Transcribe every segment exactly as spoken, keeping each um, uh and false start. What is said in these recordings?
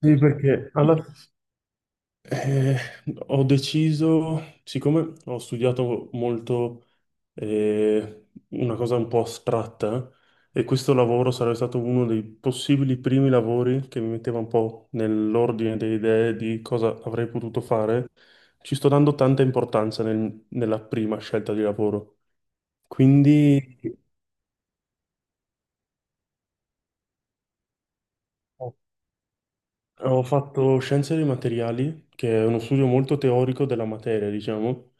Sì, perché alla eh, ho deciso, siccome ho studiato molto eh, una cosa un po' astratta, eh, e questo lavoro sarebbe stato uno dei possibili primi lavori che mi metteva un po' nell'ordine delle idee di cosa avrei potuto fare. Ci sto dando tanta importanza nel- nella prima scelta di lavoro. Quindi. Ho fatto Scienze dei Materiali, che è uno studio molto teorico della materia, diciamo,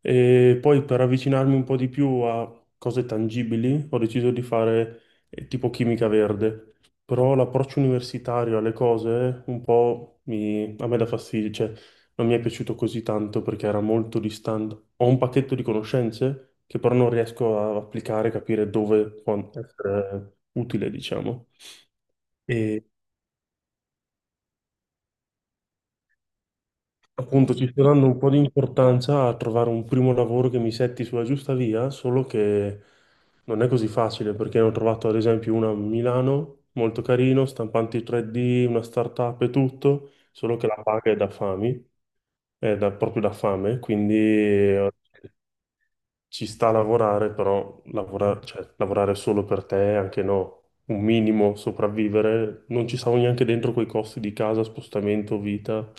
e poi per avvicinarmi un po' di più a cose tangibili ho deciso di fare eh, tipo chimica verde. Però l'approccio universitario alle cose un po' mi- a me dà fastidio, cioè non mi è piaciuto così tanto perché era molto distante. Ho un pacchetto di conoscenze che però non riesco a applicare, capire dove può essere utile, diciamo. E appunto, ci sto dando un po' di importanza a trovare un primo lavoro che mi setti sulla giusta via, solo che non è così facile perché ne ho trovato ad esempio una a Milano, molto carino, stampanti tre D, una startup e tutto, solo che la paga è da fami, è da- proprio da fame, quindi eh, ci sta a lavorare, però lavora- cioè, lavorare solo per te, anche no, un minimo sopravvivere, non ci stavo neanche dentro quei costi di casa, spostamento, vita.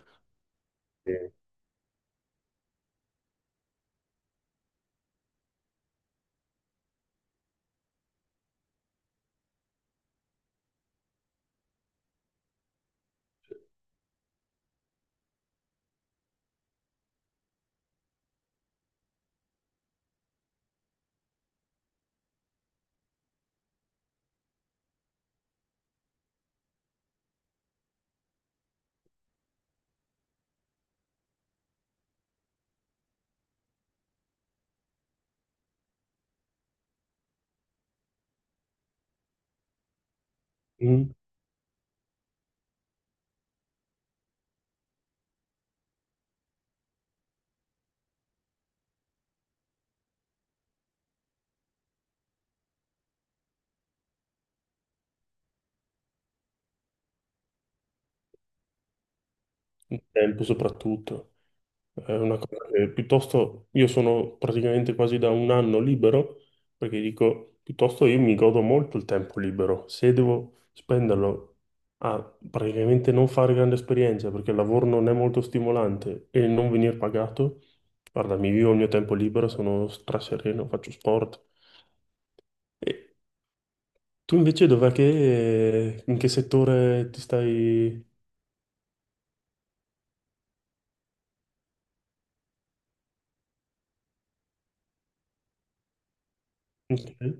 Sì, il tempo soprattutto. È una cosa che piuttosto io sono praticamente quasi da un anno libero, perché dico, piuttosto io mi godo molto il tempo libero. Se devo spenderlo a praticamente non fare grande esperienza, perché il lavoro non è molto stimolante e non venir pagato, guarda, mi vivo il mio tempo libero, sono strasereno, faccio sport. E tu invece dov'è che, in che settore ti stai? Ok,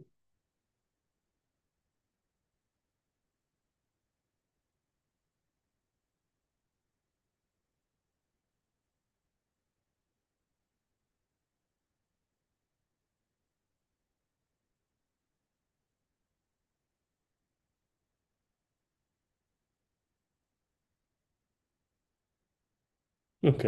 ok,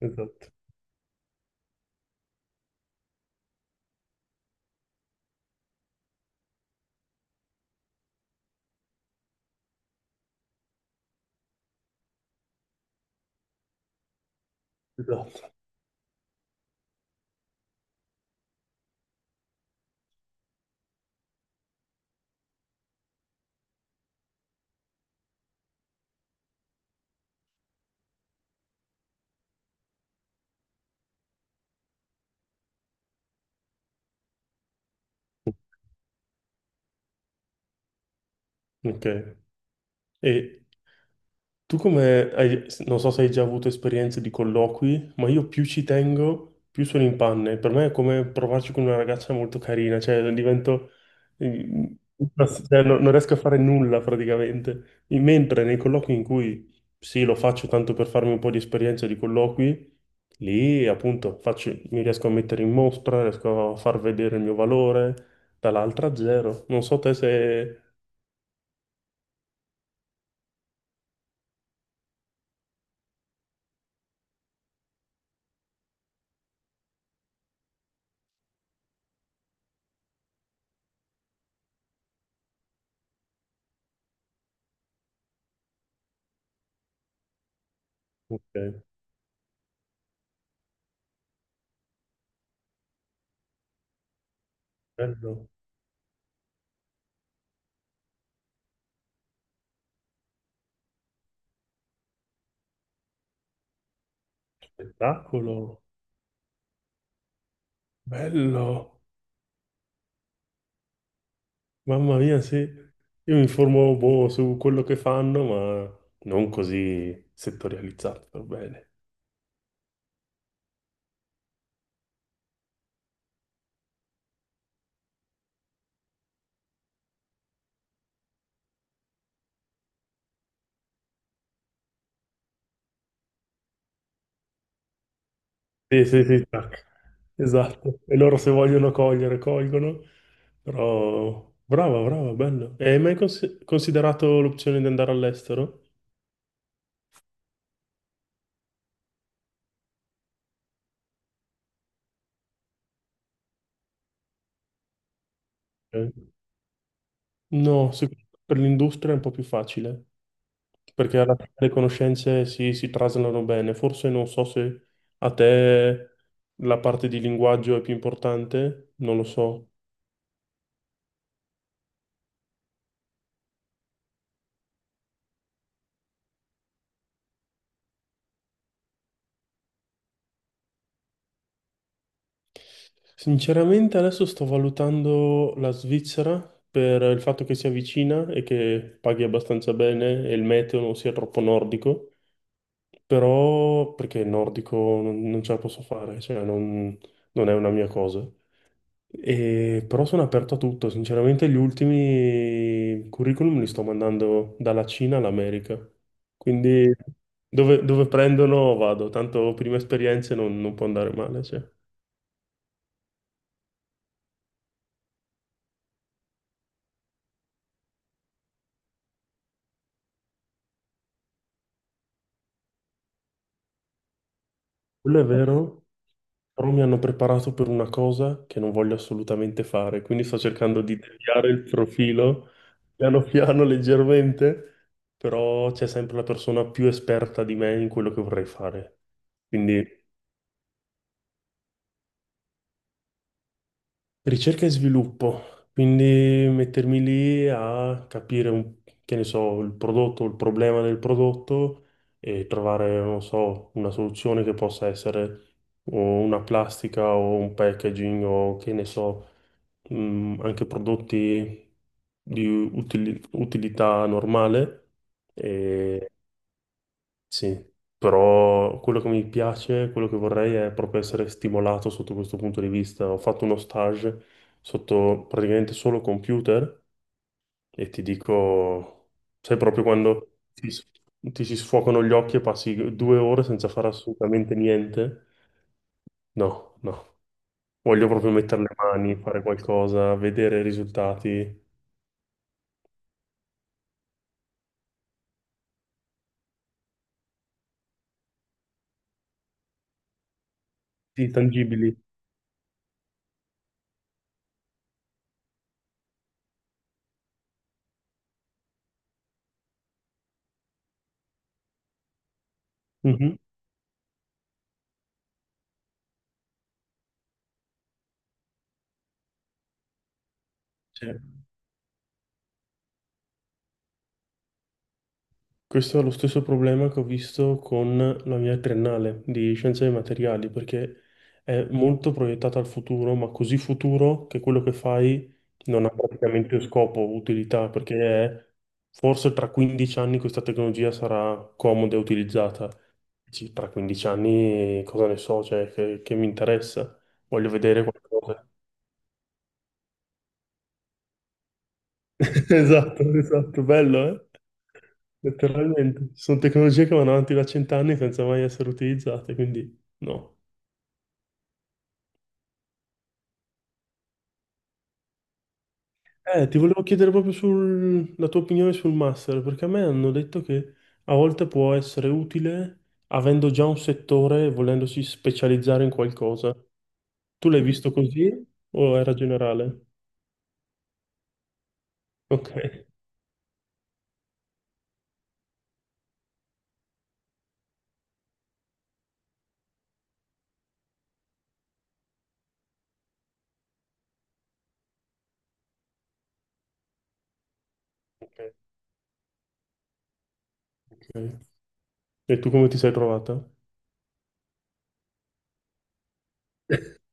esatto. Esatto. Ok. E tu come hai, non so se hai già avuto esperienze di colloqui, ma io più ci tengo, più sono in panne. Per me è come provarci con una ragazza molto carina, cioè divento, eh, una- cioè, non, non riesco a fare nulla praticamente. In- Mentre nei colloqui in cui sì, lo faccio tanto per farmi un po' di esperienza di colloqui, lì appunto faccio- mi riesco a mettere in mostra, riesco a far vedere il mio valore, dall'altra zero. Non so te se... Ok, bello, spettacolo, bello, mamma mia. Sì, io mi informo boh, su quello che fanno, ma non così settorializzato, per bene. Sì, sì, sì, tac. Esatto, e loro se vogliono cogliere, colgono, però brava, brava, bello. E hai mai cons- considerato l'opzione di andare all'estero? Ok. No, se- per l'industria è un po' più facile. Perché alla fine le conoscenze si, si traslano bene. Forse non so se a te la parte di linguaggio è più importante, non lo so. Sinceramente adesso sto valutando la Svizzera per il fatto che sia vicina e che paghi abbastanza bene e il meteo non sia troppo nordico, però perché il nordico non, non ce la posso fare, cioè non non è una mia cosa. E- però sono aperto a tutto, sinceramente gli ultimi curriculum li sto mandando dalla Cina all'America, quindi dove, dove prendono vado, tanto prime esperienze non, non può andare male, cioè. Quello è vero, però mi hanno preparato per una cosa che non voglio assolutamente fare, quindi sto cercando di deviare il profilo piano piano, leggermente, però c'è sempre la persona più esperta di me in quello che vorrei fare. Quindi ricerca e sviluppo, quindi mettermi lì a capire, un- che ne so, il prodotto, il problema del prodotto e trovare, non so, una soluzione che possa essere o una plastica o un packaging o che ne so, mm, anche prodotti di utili- utilità normale. Mhm. E sì, però quello che mi piace, quello che vorrei è proprio essere stimolato sotto questo punto di vista. Ho fatto uno stage sotto praticamente solo computer e ti dico, sai proprio quando ti, s- ti si sfocano gli occhi e passi due ore senza fare assolutamente niente? No, no. Voglio proprio mettere le mani, fare qualcosa, vedere risultati. Sì, tangibili. Mhm, sì. Questo è lo stesso problema che ho visto con la mia triennale di scienze dei materiali, perché è molto proiettata al futuro, ma così futuro che quello che fai non ha praticamente scopo, utilità, perché è- forse tra quindici anni questa tecnologia sarà comoda e utilizzata. Dici, tra quindici anni cosa ne so, cioè, che, che mi interessa? Voglio vedere qualcosa. Esatto, esatto, bello, eh? Letteralmente. Ci sono tecnologie che vanno avanti da cent'anni senza mai essere utilizzate, quindi no. Eh, ti volevo chiedere proprio sul- la tua opinione sul master, perché a me hanno detto che a volte può essere utile avendo già un settore e volendosi specializzare in qualcosa. Tu l'hai visto così o era generale? Ok. Ok, ok. E tu come ti sei trovata?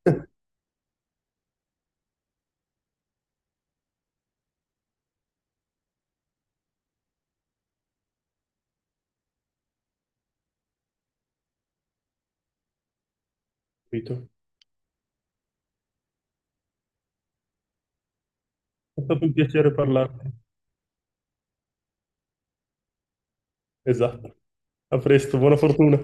Capito. È stato un piacere parlarti. Esatto. A presto, buona fortuna.